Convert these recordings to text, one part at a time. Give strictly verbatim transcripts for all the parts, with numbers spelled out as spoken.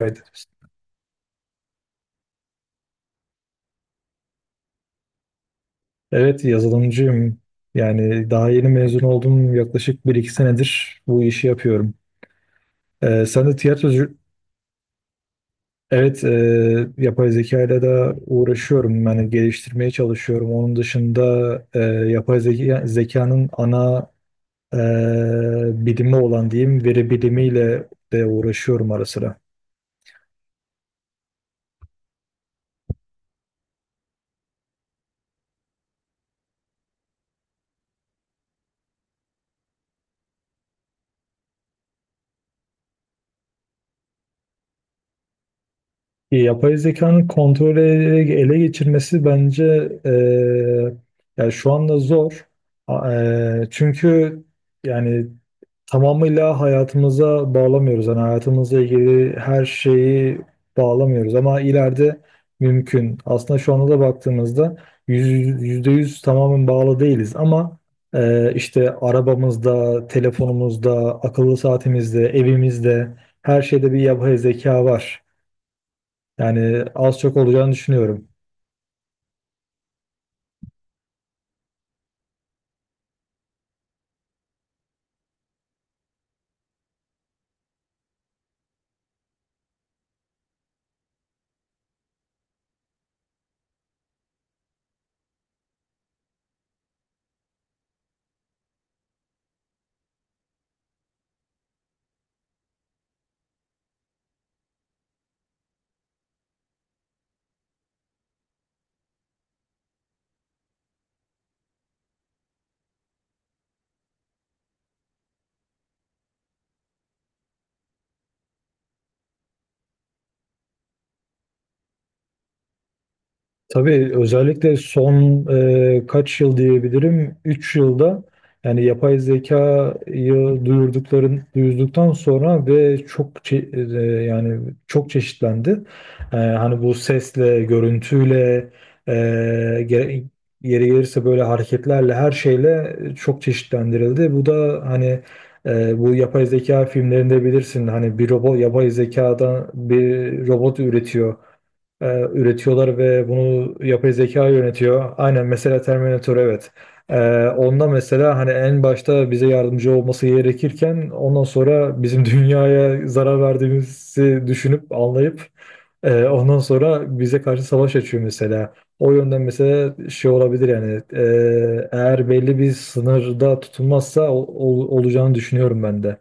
Evet. Evet, yazılımcıyım. Yani daha yeni mezun oldum. Yaklaşık bir iki senedir bu işi yapıyorum. Ee, sen de tiyatrocu... Evet, e, yapay zeka ile de uğraşıyorum. Yani geliştirmeye çalışıyorum. Onun dışında e, yapay zeka, zekanın ana e, bilimi olan diyeyim, veri bilimiyle de uğraşıyorum ara sıra. Yapay zekanın kontrolü ele ele geçirmesi bence eee yani şu anda zor. A- eee, çünkü yani tamamıyla hayatımıza bağlamıyoruz. Yani hayatımızla ilgili her şeyi bağlamıyoruz ama ileride mümkün. Aslında şu anda da baktığımızda yüz- yüzde yüz tamamen bağlı değiliz ama e, işte arabamızda, telefonumuzda, akıllı saatimizde, evimizde her şeyde bir yapay zeka var. Yani az çok olacağını düşünüyorum. Tabii özellikle son e, kaç yıl diyebilirim, üç yılda yani yapay zekayı duyurdukların duyurduktan sonra ve çok çe- e, yani çok çeşitlendi. E, hani bu sesle, görüntüyle, e, gere- yeri gelirse böyle hareketlerle her şeyle çok çeşitlendirildi. Bu da hani e, bu yapay zeka filmlerinde bilirsin, hani bir robot yapay zekadan bir robot üretiyor e, üretiyorlar ve bunu yapay zeka yönetiyor. Aynen, mesela Terminator, evet. E, Onda mesela hani en başta bize yardımcı olması gerekirken ondan sonra bizim dünyaya zarar verdiğimizi düşünüp anlayıp, e, ondan sonra bize karşı savaş açıyor mesela. O yönden mesela şey olabilir yani, e, eğer belli bir sınırda tutulmazsa ol- ol- olacağını düşünüyorum ben de.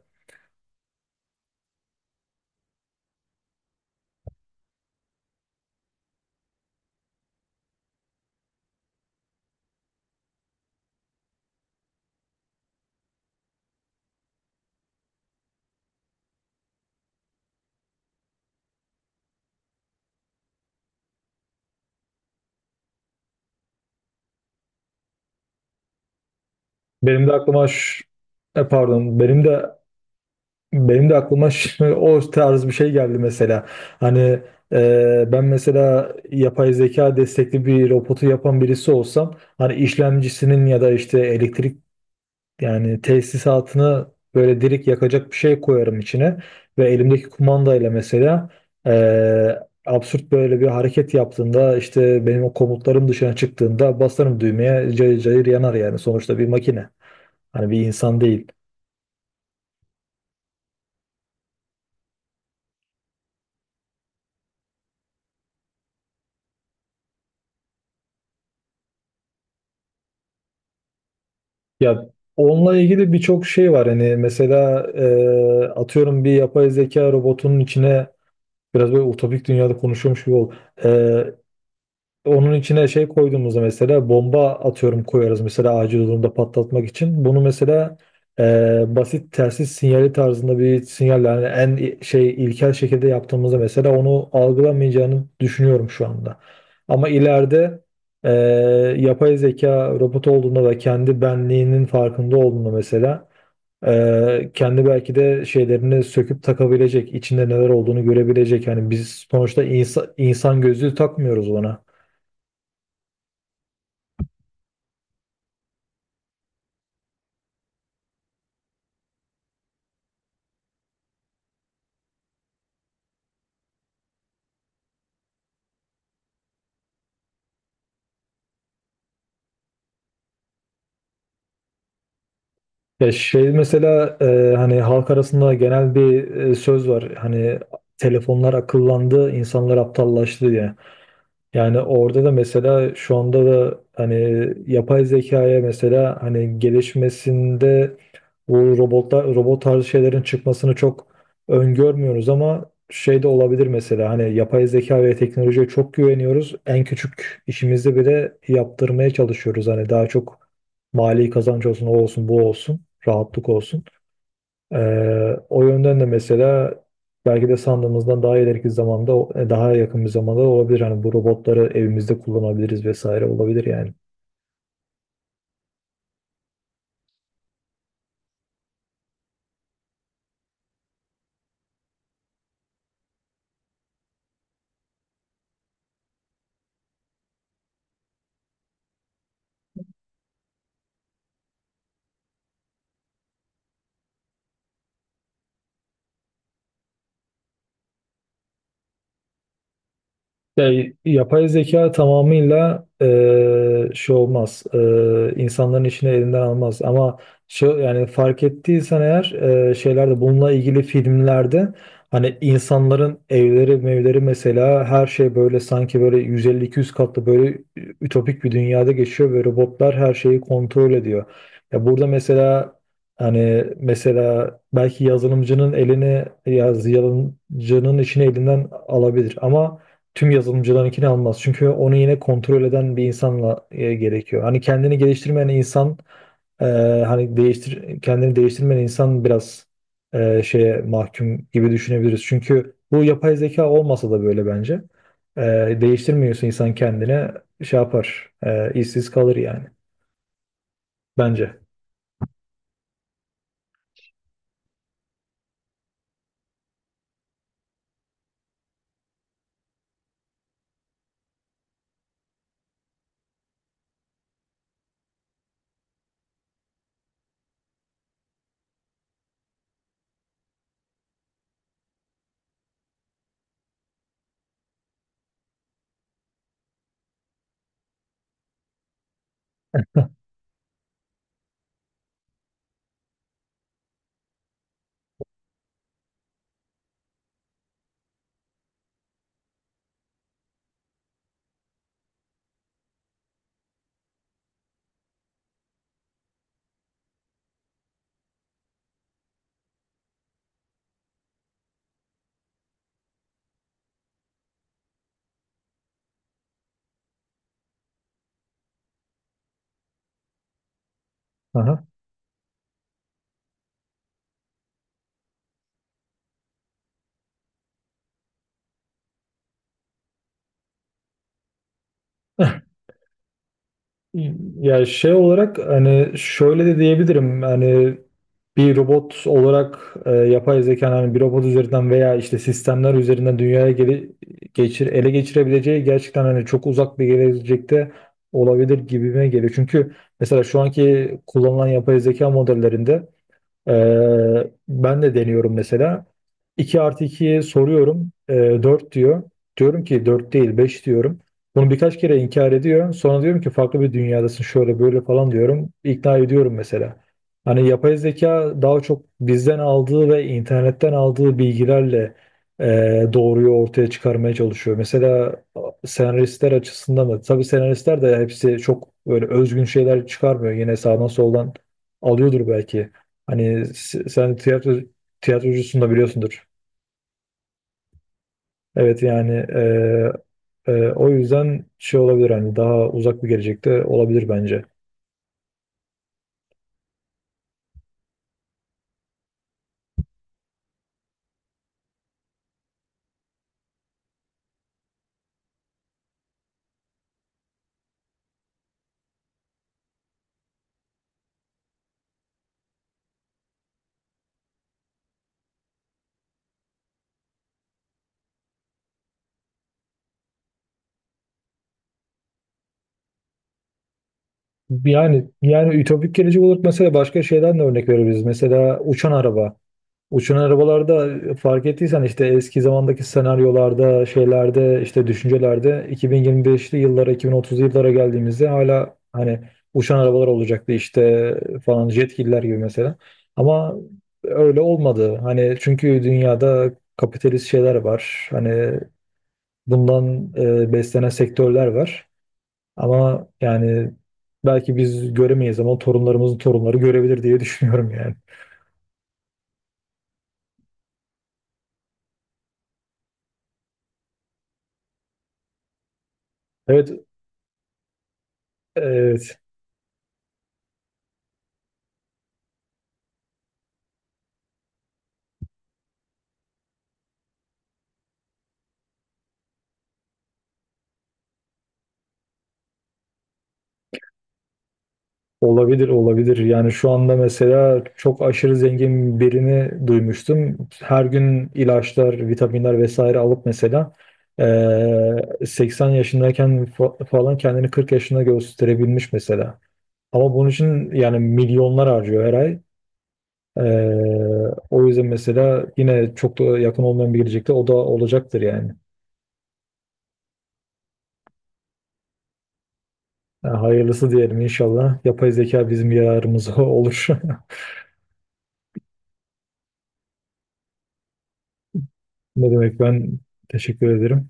Benim de aklıma ş- e, pardon benim de Benim de aklıma ş- o tarz bir şey geldi mesela. Hani e, ben mesela yapay zeka destekli bir robotu yapan birisi olsam, hani işlemcisinin ya da işte elektrik yani tesisatını böyle direkt yakacak bir şey koyarım içine ve elimdeki kumandayla mesela eee, absürt böyle bir hareket yaptığında, işte benim o komutlarım dışına çıktığında basarım düğmeye, cayır cayır yanar. Yani sonuçta bir makine. Hani bir insan değil. Ya, onunla ilgili birçok şey var. Hani mesela, e, atıyorum, bir yapay zeka robotunun içine, biraz böyle utopik dünyada konuşuyormuş gibi ol, Ee, onun içine şey koyduğumuzda mesela bomba, atıyorum, koyarız mesela acil durumda patlatmak için. Bunu mesela e, basit telsiz sinyali tarzında bir sinyal, yani en i- şey ilkel şekilde yaptığımızda mesela onu algılamayacağını düşünüyorum şu anda. Ama ileride, e, yapay zeka robot olduğunda ve kendi benliğinin farkında olduğunda mesela ee, kendi belki de şeylerini söküp takabilecek, içinde neler olduğunu görebilecek. Yani biz sonuçta insa- insan gözlüğü takmıyoruz ona. Ya şey mesela, e, hani halk arasında genel bir e, söz var. Hani telefonlar akıllandı, insanlar aptallaştı diye. Yani orada da mesela, şu anda da hani yapay zekaya mesela hani gelişmesinde bu robotlar robot tarzı şeylerin çıkmasını çok öngörmüyoruz ama şey de olabilir mesela. Hani yapay zeka ve teknolojiye çok güveniyoruz. En küçük işimizi bile yaptırmaya çalışıyoruz. Hani daha çok mali kazanç olsun, o olsun, bu olsun, rahatlık olsun. Ee, o yönden de mesela belki de sandığımızdan daha ileriki zamanda, e, daha yakın bir zamanda olabilir. Hani bu robotları evimizde kullanabiliriz vesaire, olabilir yani. Ya, yapay zeka tamamıyla eee şey olmaz. Eee, insanların işini elinden almaz. Ama şu, yani fark ettiysen eğer eee, şeylerde, bununla ilgili filmlerde hani insanların evleri mevleri mesela, her şey böyle, sanki böyle yüz elli iki yüz katlı böyle ütopik bir dünyada geçiyor ve robotlar her şeyi kontrol ediyor. Ya burada mesela hani mesela belki yazılımcının elini yaz yazılımcının işini elinden alabilir ama tüm yazılımcılarınkini almaz. Çünkü onu yine kontrol eden bir insanla, e, gerekiyor. Hani kendini geliştirmeyen insan, e, hani değiştir kendini değiştirmeyen insan biraz e, şeye mahkum gibi düşünebiliriz. Çünkü bu yapay zeka olmasa da böyle bence. E, Değiştirmiyorsa insan kendine, şey yapar. E, işsiz kalır yani. Bence. Aha. Ya şey olarak hani şöyle de diyebilirim, hani bir robot olarak, e, yapay zeka hani bir robot üzerinden veya işte sistemler üzerinden dünyaya gele, geçir, ele geçirebileceği gerçekten hani çok uzak bir gelecekte olabilir gibime geliyor. Çünkü mesela şu anki kullanılan yapay zeka modellerinde ee, ben de deniyorum mesela. iki artı ikiye soruyorum. Ee, dört diyor. Diyorum ki dört değil, beş diyorum. Bunu birkaç kere inkar ediyor. Sonra diyorum ki farklı bir dünyadasın, şöyle böyle falan diyorum. İkna ediyorum mesela. Hani yapay zeka daha çok bizden aldığı ve internetten aldığı bilgilerle e, doğruyu ortaya çıkarmaya çalışıyor. Mesela senaristler açısından da, tabii senaristler de hepsi çok böyle özgün şeyler çıkarmıyor. Yine sağdan soldan alıyordur belki. Hani s- sen tiyatro tiyatrocusun da, biliyorsundur. Evet yani, e, e, o yüzden şey olabilir, hani daha uzak bir gelecekte olabilir bence. Yani, yani ütopik gelecek olarak mesela başka şeyden de örnek verebiliriz. Mesela uçan araba. Uçan arabalarda fark ettiysen, işte eski zamandaki senaryolarda, şeylerde, işte düşüncelerde iki bin yirmi beşli yıllara, iki bin otuzlu yıllara geldiğimizde hala hani uçan arabalar olacaktı işte, falan, jetgiller gibi mesela. Ama öyle olmadı. Hani çünkü dünyada kapitalist şeyler var. Hani bundan e, beslenen sektörler var. Ama yani belki biz göremeyiz ama torunlarımızın torunları görebilir diye düşünüyorum yani. Evet, evet. Olabilir, olabilir. Yani şu anda mesela çok aşırı zengin birini duymuştum. Her gün ilaçlar, vitaminler vesaire alıp mesela eee, seksen yaşındayken fa- falan kendini kırk yaşında gösterebilmiş mesela. Ama bunun için yani milyonlar harcıyor her ay. Eee, o yüzden mesela yine çok da yakın olmayan bir gelecekte o da olacaktır yani. Yani hayırlısı diyelim inşallah. Yapay zeka bizim yararımıza olur. Ne demek, ben teşekkür ederim.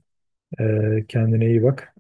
Ee, kendine iyi bak.